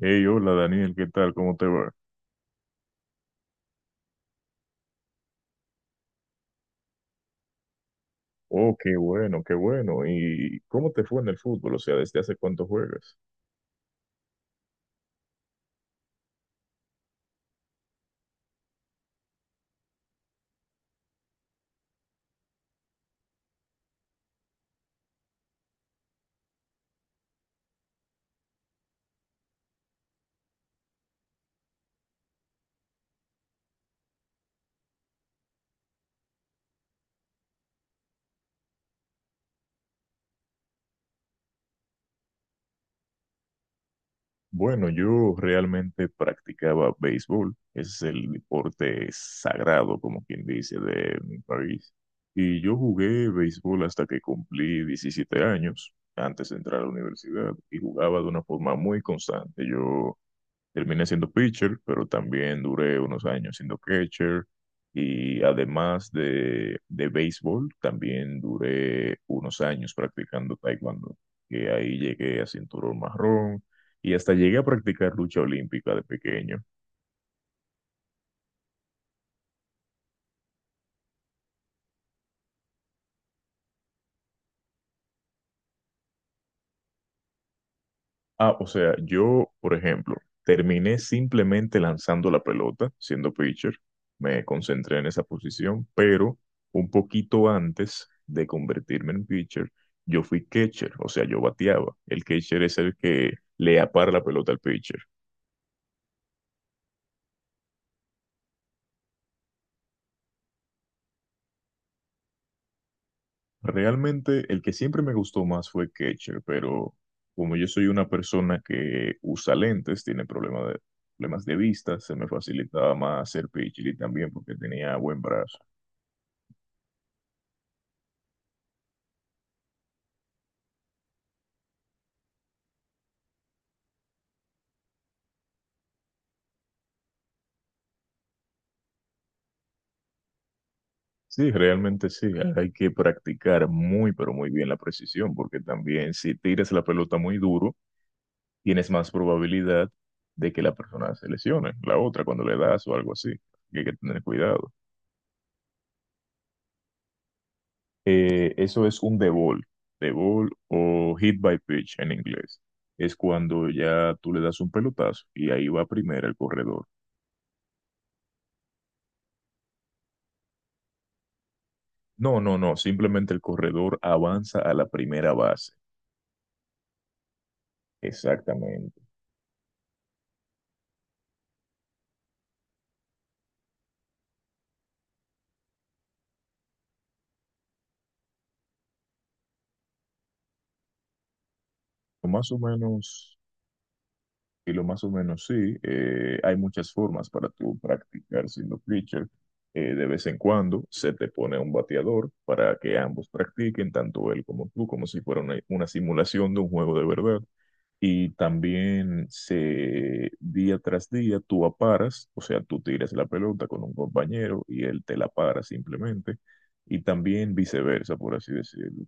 Hey, hola Daniel, ¿qué tal? ¿Cómo te va? Oh, qué bueno, qué bueno. ¿Y cómo te fue en el fútbol? O sea, ¿desde hace cuánto juegas? Bueno, yo realmente practicaba béisbol. Ese es el deporte sagrado, como quien dice, de mi país. Y yo jugué béisbol hasta que cumplí 17 años, antes de entrar a la universidad, y jugaba de una forma muy constante. Yo Terminé siendo pitcher, pero también duré unos años siendo catcher. Y además de béisbol, también duré unos años practicando taekwondo, que ahí llegué a cinturón marrón y hasta llegué a practicar lucha olímpica de pequeño. Ah, o sea, yo, por ejemplo, terminé simplemente lanzando la pelota, siendo pitcher, me concentré en esa posición, pero un poquito antes de convertirme en pitcher, yo fui catcher, o sea, yo bateaba. El catcher es el que le apara la pelota al pitcher. Realmente, el que siempre me gustó más fue catcher, pero como yo soy una persona que usa lentes, tiene problemas de vista, se me facilitaba más ser pitcher y también porque tenía buen brazo. Sí, realmente sí. Hay que practicar muy, pero muy bien la precisión, porque también si tiras la pelota muy duro, tienes más probabilidad de que la persona se lesione, la otra cuando le das o algo así. Hay que tener cuidado. Eso es un de ball o hit by pitch en inglés. Es cuando ya tú le das un pelotazo y ahí va primero el corredor. No, no, no. Simplemente el corredor avanza a la primera base. Exactamente. Más o menos. Y lo más o menos sí, hay muchas formas para tú practicar siendo pitcher. De vez en cuando se te pone un bateador para que ambos practiquen, tanto él como tú, como si fuera una simulación de un juego de verdad. Y también día tras día tú aparas, o sea, tú tiras la pelota con un compañero y él te la para simplemente. Y también viceversa, por así decirlo.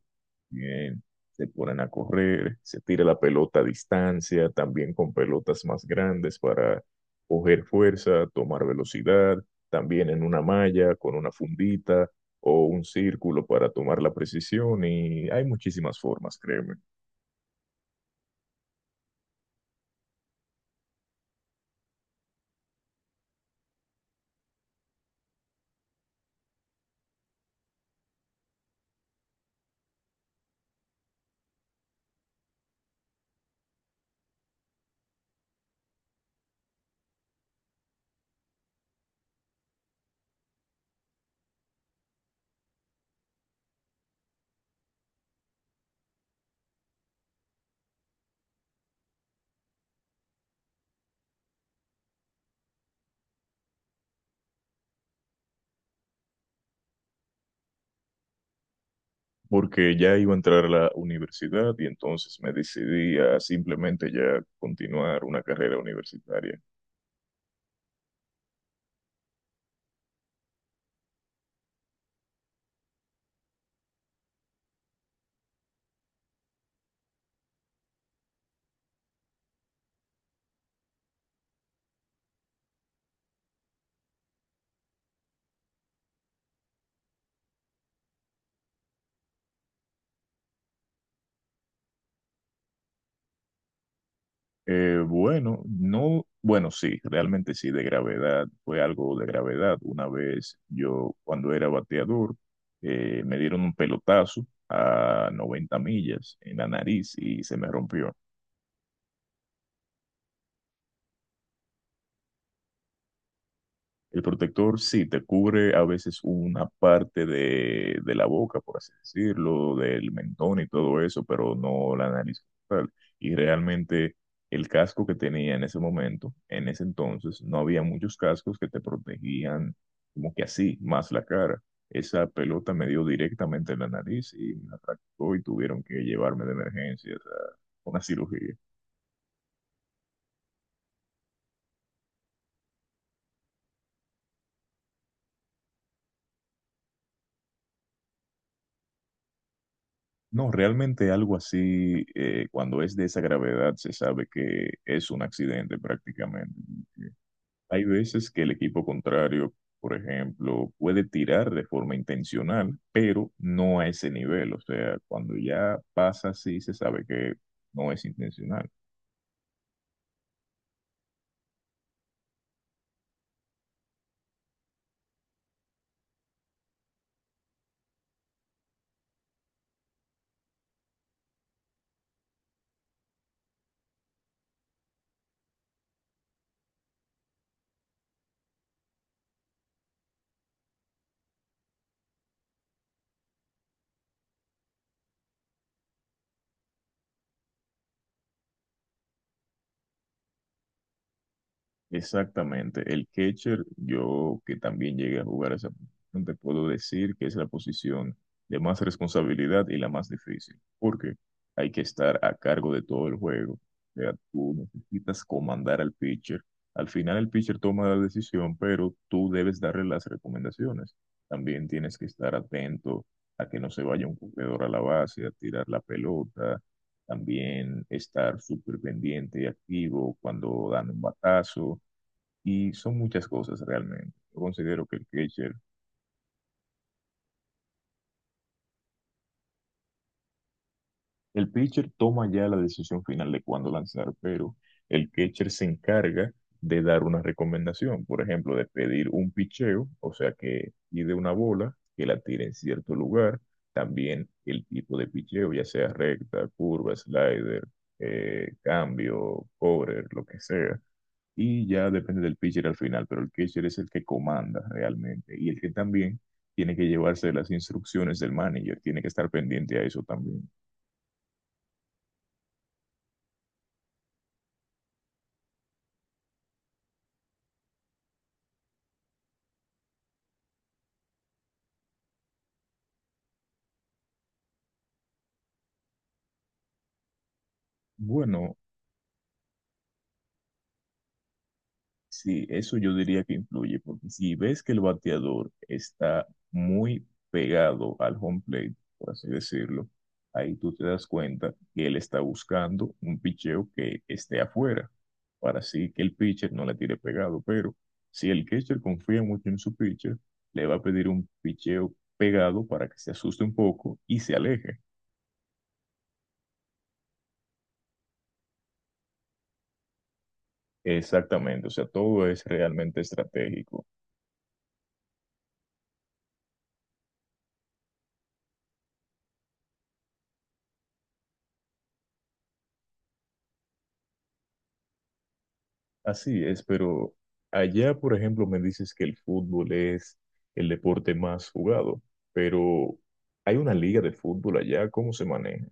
Bien, se ponen a correr, se tira la pelota a distancia, también con pelotas más grandes para coger fuerza, tomar velocidad, también en una malla, con una fundita o un círculo para tomar la precisión. Y hay muchísimas formas, créeme. Porque ya iba a entrar a la universidad y entonces me decidí a simplemente ya continuar una carrera universitaria. Bueno, no, bueno, sí, realmente sí, de gravedad, fue algo de gravedad. Una vez yo, cuando era bateador, me dieron un pelotazo a 90 millas en la nariz y se me rompió. El protector sí te cubre a veces una parte de la boca, por así decirlo, del mentón y todo eso, pero no la nariz como tal. Y realmente el casco que tenía en ese momento, en ese entonces, no había muchos cascos que te protegían como que así, más la cara. Esa pelota me dio directamente en la nariz y me atracó y tuvieron que llevarme de emergencia, o sea, una cirugía. No, realmente algo así, cuando es de esa gravedad, se sabe que es un accidente prácticamente. Hay veces que el equipo contrario, por ejemplo, puede tirar de forma intencional, pero no a ese nivel. O sea, cuando ya pasa así, se sabe que no es intencional. Exactamente. El catcher, yo que también llegué a jugar esa posición, te puedo decir que es la posición de más responsabilidad y la más difícil, porque hay que estar a cargo de todo el juego. O sea, tú necesitas comandar al pitcher. Al final el pitcher toma la decisión, pero tú debes darle las recomendaciones. También tienes que estar atento a que no se vaya un jugador a la base, a tirar la pelota. También estar súper pendiente y activo cuando dan un batazo y son muchas cosas realmente. Yo considero que el catcher, el pitcher toma ya la decisión final de cuándo lanzar, pero el catcher se encarga de dar una recomendación, por ejemplo, de pedir un picheo, o sea, que pide una bola, que la tire en cierto lugar, también el tipo de picheo, ya sea recta, curva, slider, cambio, cover, lo que sea. Y ya depende del pitcher al final, pero el pitcher es el que comanda realmente y el que también tiene que llevarse las instrucciones del manager, tiene que estar pendiente a eso también. Bueno, sí, eso yo diría que influye, porque si ves que el bateador está muy pegado al home plate, por así decirlo, ahí tú te das cuenta que él está buscando un picheo que esté afuera, para así que el pitcher no le tire pegado. Pero si el catcher confía mucho en su pitcher, le va a pedir un picheo pegado para que se asuste un poco y se aleje. Exactamente, o sea, todo es realmente estratégico. Así es, pero allá, por ejemplo, me dices que el fútbol es el deporte más jugado, pero hay una liga de fútbol allá, ¿cómo se maneja?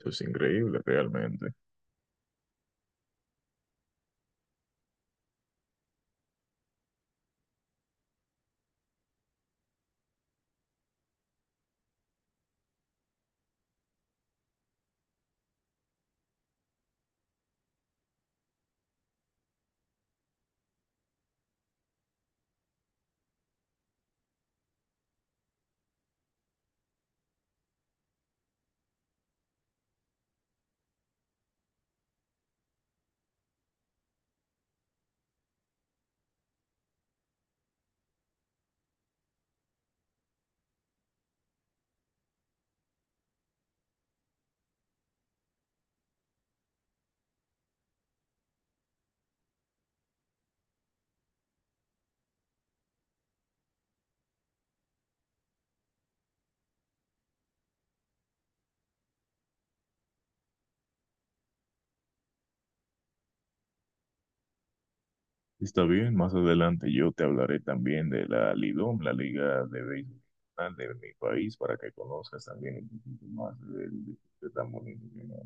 Eso es increíble realmente. Está bien, más adelante yo te hablaré también de la Lidom, la liga de béisbol de mi país, para que conozcas también un poquito más del deporte tan bonito que nos